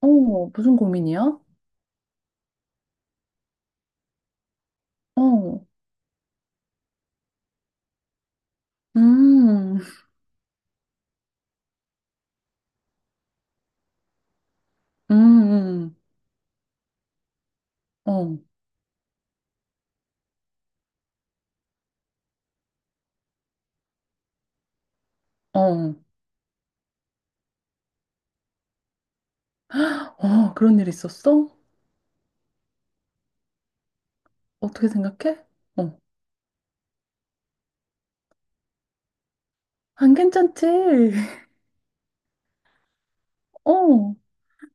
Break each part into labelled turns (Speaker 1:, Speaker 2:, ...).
Speaker 1: 어, 무슨 고민이야? 어, 음, 음, 음. 어, 어, 어, 그런 일 있었어? 어떻게 생각해? 어, 안 괜찮지? 어,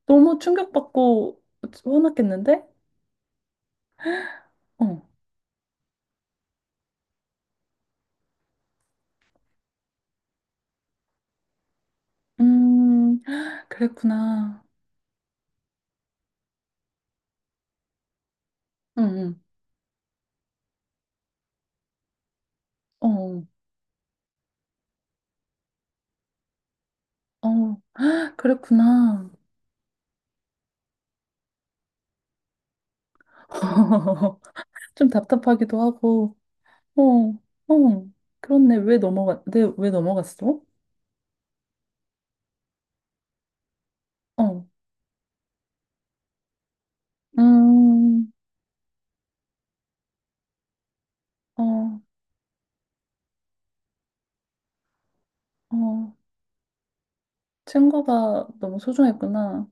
Speaker 1: 너무 충격받고 화났겠는데? 어, 음, 그랬구나. 응, 응, 어, 어, 그랬구나. 좀 답답하기도 하고, 어, 어, 그렇네. 왜 넘어갔, 내 왜 넘어갔어? 어, 음, 어. 어, 친구가 너무 소중했구나.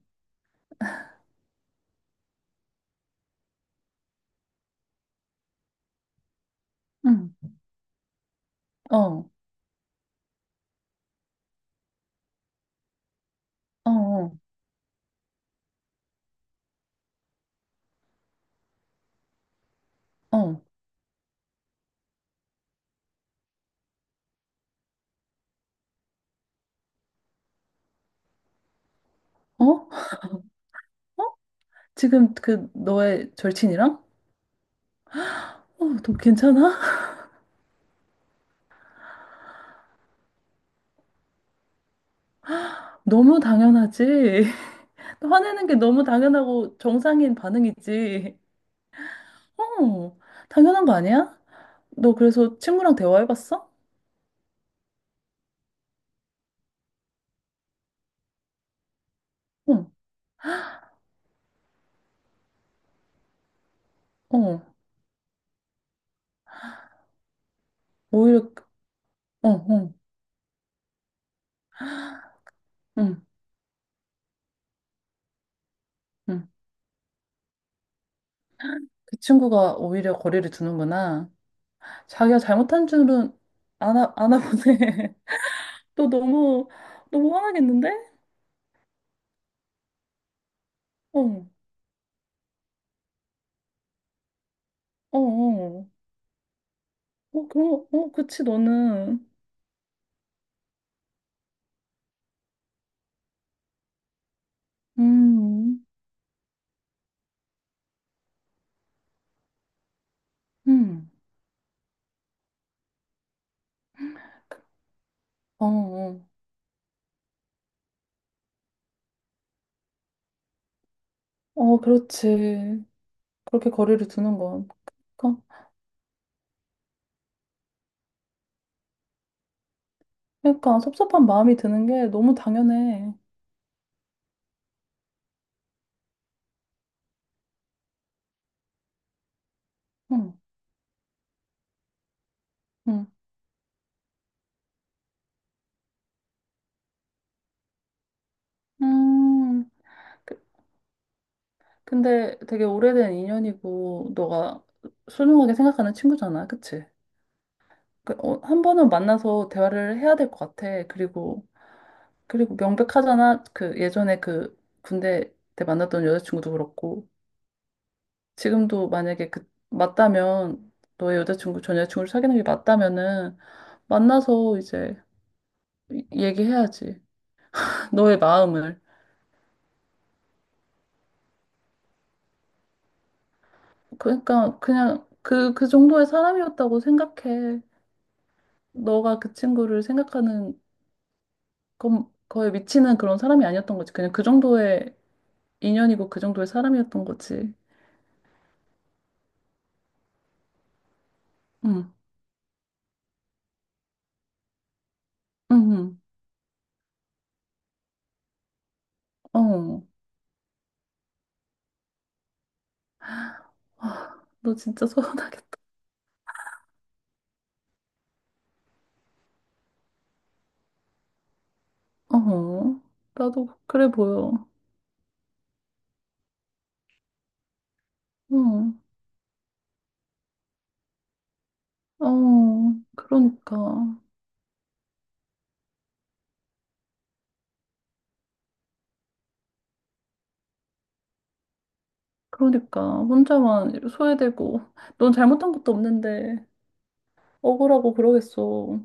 Speaker 1: 응. 어, 어, 어, 어, 어? 어? 지금 그 너의 절친이랑? 어, 너 괜찮아? 너무 당연하지. 화내는 게 너무 당연하고 정상인 반응이지. 어, 당연한 거 아니야? 너 그래서 친구랑 대화해봤어? 응, 어, 오히려, 어, 어, 응, 응. 그 친구가 오히려 거리를 두는구나. 자기가 잘못한 줄은 아나, 아나 보네. 너 너무, 너무 화나겠는데? 어, 어, 어. 어, 그럼, 어, 그치, 너는. 음, 음. 어, 어. 어, 그렇지. 그렇게 거리를 두는 건. 그러니까, 그러니까 섭섭한 마음이 드는 게 너무 당연해. 응, 응. 음. 그- 근데 되게 오래된 인연이고, 너가 소중하게 생각하는 친구잖아. 그치? 그, 어, 한 번은 만나서 대화를 해야 될 것 같아. 그리고, 그리고 명백하잖아. 그 예전에 그 군대 때 만났던 여자친구도 그렇고 지금도 만약에 그 맞다면 너의 여자친구 전 여자친구를 사귀는 게 맞다면은 만나서 이제 얘기해야지. 너의 마음을. 그러니까 그냥 그 그 정도의 사람이었다고 생각해. 너가 그 친구를 생각하는 건 거의 미치는 그런 사람이 아니었던 거지. 그냥 그 정도의 인연이고 그 정도의 사람이었던 거지. 응, 응, 응. 어. 아, 너 진짜 서운하겠다. 어, 나도 그래 보여. 어, 어, 그러니까. 그러니까. 혼자만 소외되고. 넌 잘못한 것도 없는데. 억울하고 그러겠어.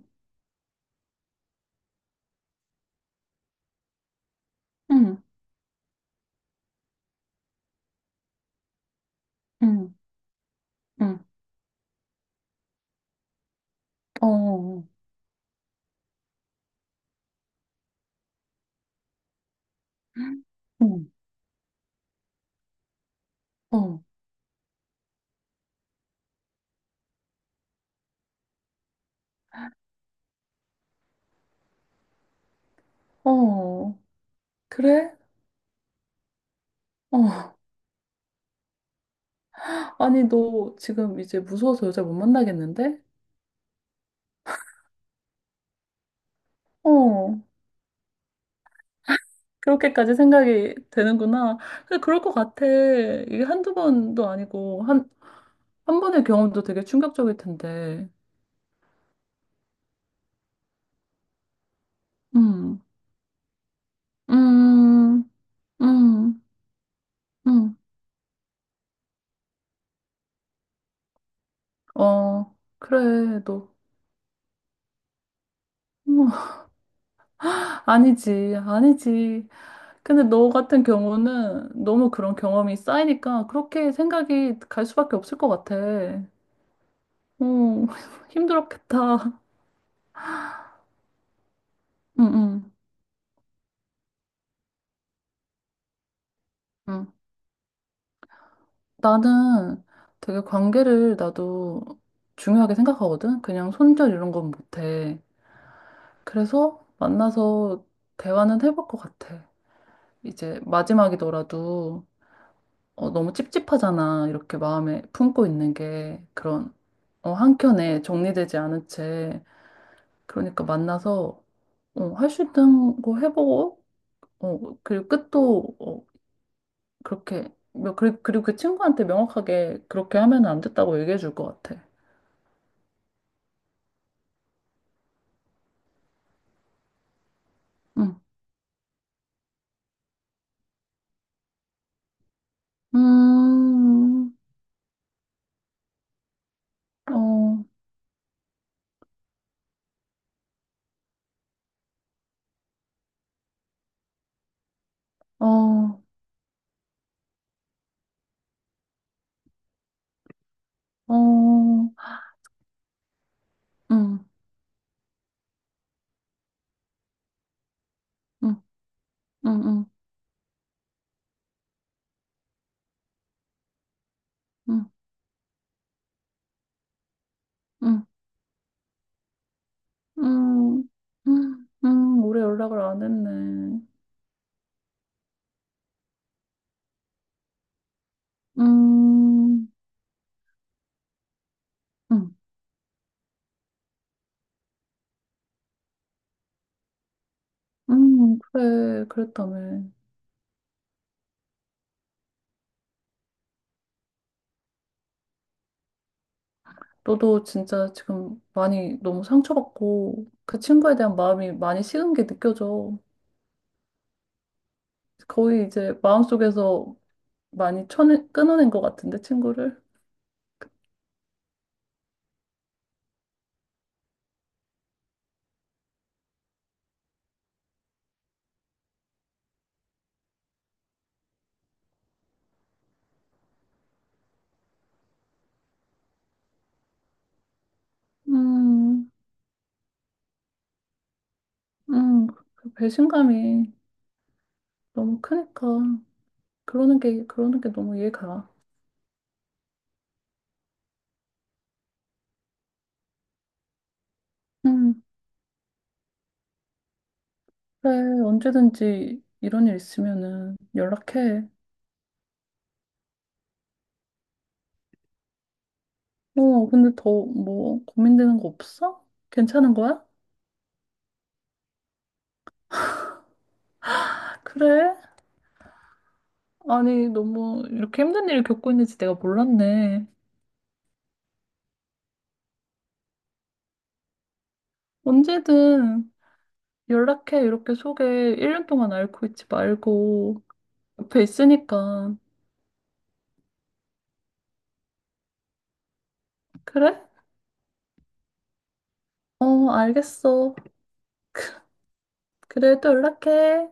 Speaker 1: 응, 응, 응. 어, 어, 어. 응, 어, 어. 그래? 어. 아니, 너 지금 이제 무서워서 여자 못 만나겠는데? 어. 그렇게까지 생각이 되는구나. 근데 그럴 것 같아. 이게 한두 번도 아니고, 한, 한 번의 경험도 되게 충격적일 텐데. 음, 음, 음, 음. 어, 그래, 너. 음 아니지, 아니지. 근데 너 같은 경우는 너무 그런 경험이 쌓이니까 그렇게 생각이 갈 수밖에 없을 것 같아. 어, 힘들었겠다. 응, 응, 응, 나는 되게 관계를 나도 중요하게 생각하거든? 그냥 손절 이런 건 못해. 그래서 만나서 대화는 해볼 것 같아. 이제 마지막이더라도 어, 너무 찝찝하잖아. 이렇게 마음에 품고 있는 게 그런 어, 한켠에 정리되지 않은 채 그러니까 만나서 어, 할 수 있는 거 해보고 어, 그리고 끝도 어, 그렇게 그리고 그 친구한테 명확하게 그렇게 하면 안 됐다고 얘기해 줄 것 같아. 응. 음, 어, 어, 어, 음, 음, 음, 음, 음, 음. 음, 오래 연락을 안 했네. 음, 음, 그래, 그랬다며. 너도 진짜 지금 많이 너무 상처받고 그 친구에 대한 마음이 많이 식은 게 느껴져. 거의 이제 마음속에서 많이 쳐내, 끊어낸 것 같은데, 친구를. 음, 음, 그 배신감이 너무 크니까. 그러는 게, 그러는 게 너무 이해가. 음, 그래, 언제든지 이런 일 있으면은 연락해. 어, 근데 더 뭐 고민되는 거 없어? 괜찮은 거야? 아, 그래? 아니, 너무 이렇게 힘든 일을 겪고 있는지 내가 몰랐네. 언제든 연락해. 이렇게 속에 1년 동안 앓고 있지 말고 옆에 있으니까. 그래? 어, 알겠어. 그래, 또 연락해.